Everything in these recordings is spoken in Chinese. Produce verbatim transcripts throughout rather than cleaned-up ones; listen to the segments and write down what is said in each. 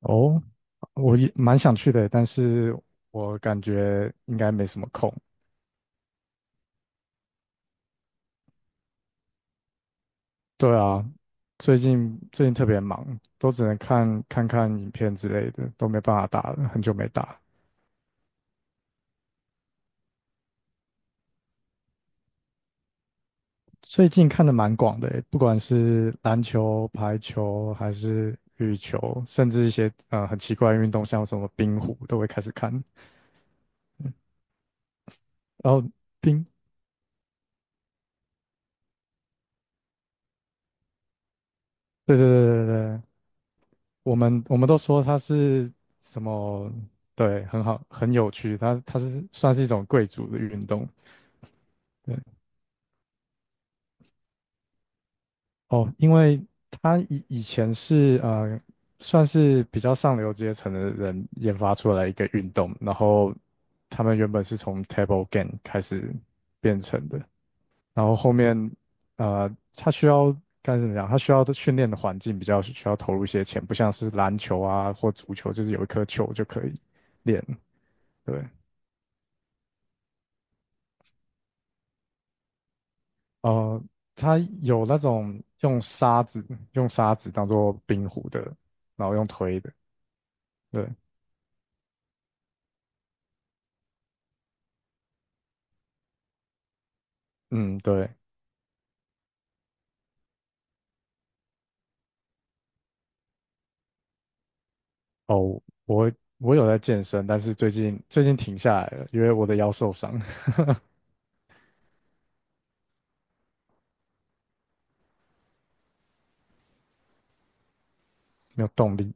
哦，我也蛮想去的，但是我感觉应该没什么空。对啊，最近最近特别忙，都只能看看看影片之类的，都没办法打了，很久没打。最近看的蛮广的欸，不管是篮球、排球，还是羽球，甚至一些呃很奇怪的运动，像什么冰壶，都会开始看。然后冰，对对对对对，我们我们都说它是什么？对，很好，很有趣。它它是算是一种贵族的运动。对。哦，因为它以以前是呃，算是比较上流阶层的人研发出来一个运动，然后他们原本是从 table game 开始变成的，然后后面呃，它需要该怎么讲？它需要的训练的环境比较需要投入一些钱，不像是篮球啊或足球，就是有一颗球就可以练。对，呃，它有那种用沙子用沙子当做冰壶的，然后用推的。对，嗯，对。哦，我我有在健身，但是最近最近停下来了，因为我的腰受伤，没有动力。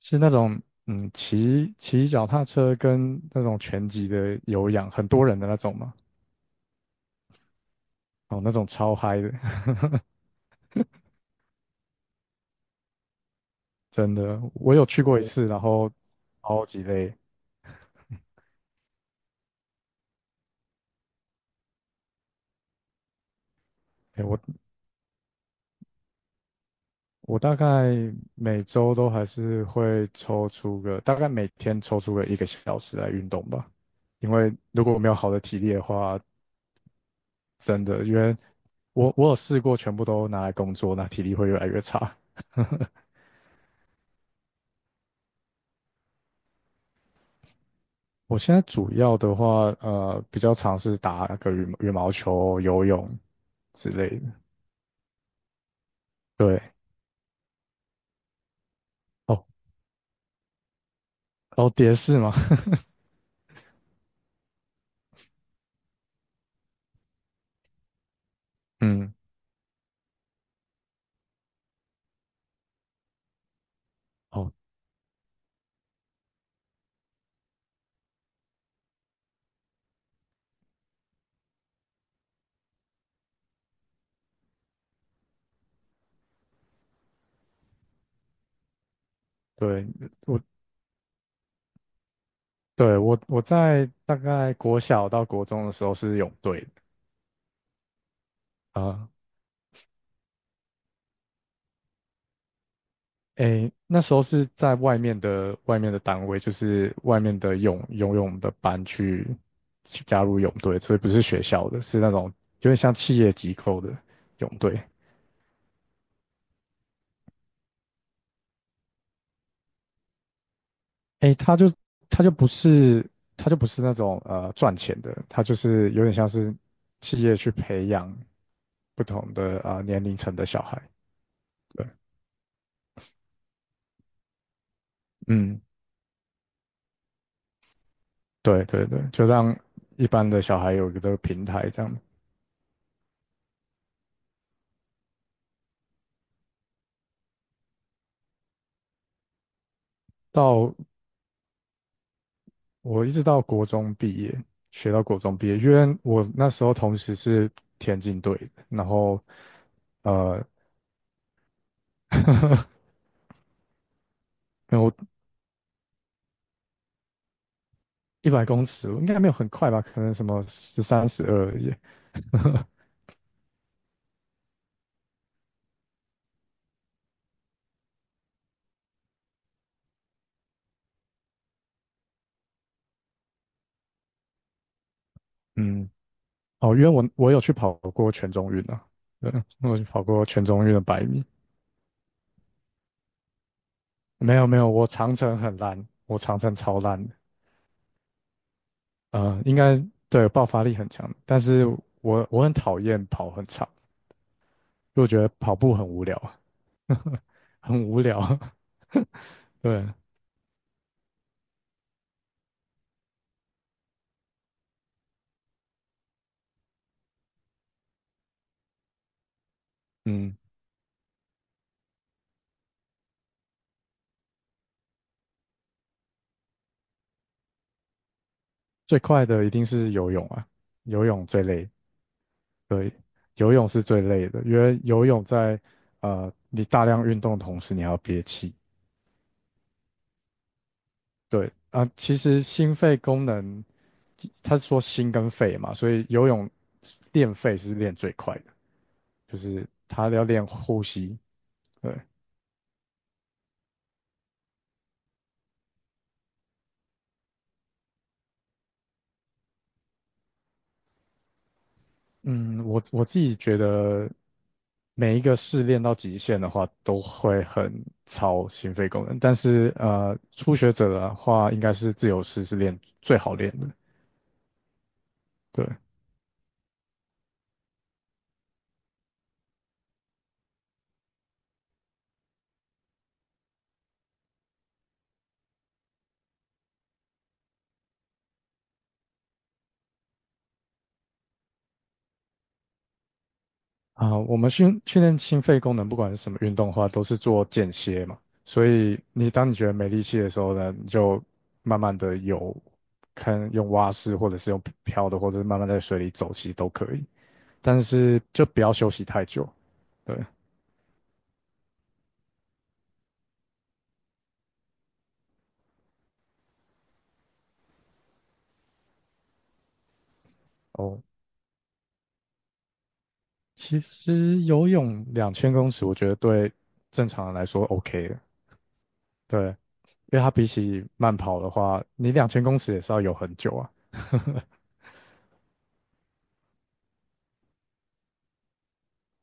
是那种嗯，骑骑脚踏车跟那种拳击的有氧，很多人的那种嘛。哦，那种超嗨的，真的，我有去过一次，然后超级累。哎，我我大概每周都还是会抽出个，大概每天抽出个一个小时来运动吧。因为如果我没有好的体力的话，真的，因为我我有试过全部都拿来工作，那体力会越来越差。我现在主要的话，呃，比较尝试打个羽毛羽毛球、游泳之类的。对。哦，然后蝶式吗？嗯，哦，对，我对我我在大概国小到国中的时候是泳队的。啊、诶，那时候是在外面的外面的单位，就是外面的泳游泳的班去去加入泳队，所以不是学校的，是那种有点像企业机构的泳队。诶，他就他就不是他就不是那种呃赚钱的，他就是有点像是企业去培养不同的啊、呃年龄层的小孩。对，嗯，对对对，就让一般的小孩有一个平台这样。到我一直到国中毕业，学到国中毕业，因为我那时候同时是田径队的，然后呃，没有，一百公尺，应该没有很快吧，可能什么十三、十二而已。嗯，哦，因为我我有去跑过全中运啊，对，我有去跑过全中运的百米。没有没有，我长程很烂，我长程超烂的。呃，应该对，爆发力很强，但是我我很讨厌跑很长，就觉得跑步很无聊，很无聊。对，嗯，最快的一定是游泳啊，游泳最累，对，游泳是最累的，因为游泳在呃你大量运动的同时，你还要憋气。对啊，其实心肺功能，他是说心跟肺嘛，所以游泳练肺是练最快的，就是他要练呼吸。对，嗯，我我自己觉得每一个试练到极限的话，都会很超心肺功能。但是呃，初学者的话，应该是自由式是练最好练的。对啊，我们训训练心肺功能，不管是什么运动的话，都是做间歇嘛。所以你当你觉得没力气的时候呢，你就慢慢的游，看用蛙式或者是用漂的，或者是慢慢在水里走，其实都可以。但是就不要休息太久。对。哦，其实游泳两千公尺，我觉得对正常人来说 OK 的，对，因为它比起慢跑的话，你两千公尺也是要游很久啊。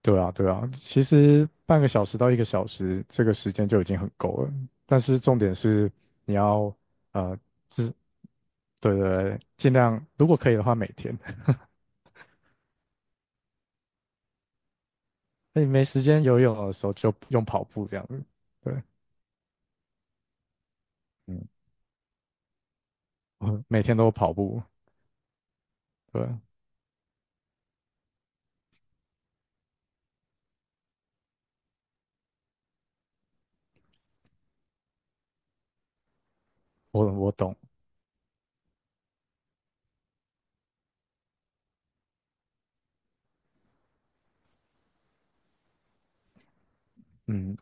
对啊，对啊，其实半个小时到一个小时这个时间就已经很够了，但是重点是你要呃，自对对对，尽量如果可以的话每天，那你没时间游泳的时候就用跑步这样子，对，嗯，我每天都跑步，对，我我懂，嗯。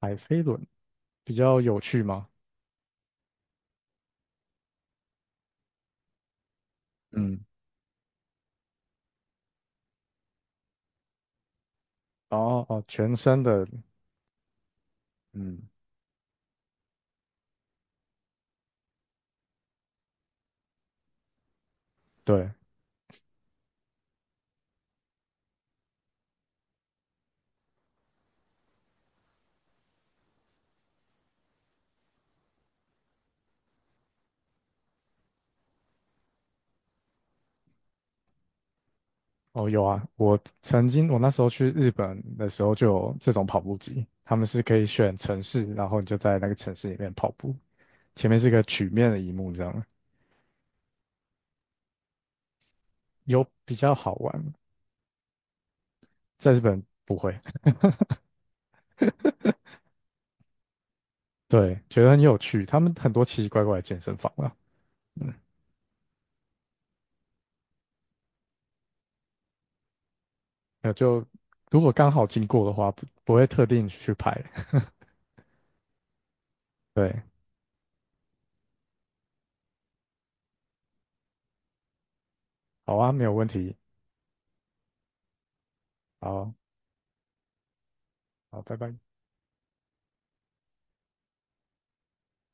海飞轮比较有趣吗？嗯，哦哦，全身的，嗯，对，哦有啊，我曾经我那时候去日本的时候就有这种跑步机，他们是可以选城市，然后你就在那个城市里面跑步，前面是一个曲面的荧幕这样，有比较好玩，在日本不会，对，觉得很有趣，他们很多奇奇怪怪的健身房啊，嗯，那就如果刚好经过的话，不不会特定去拍，对，好啊，没有问题，好，好，拜拜。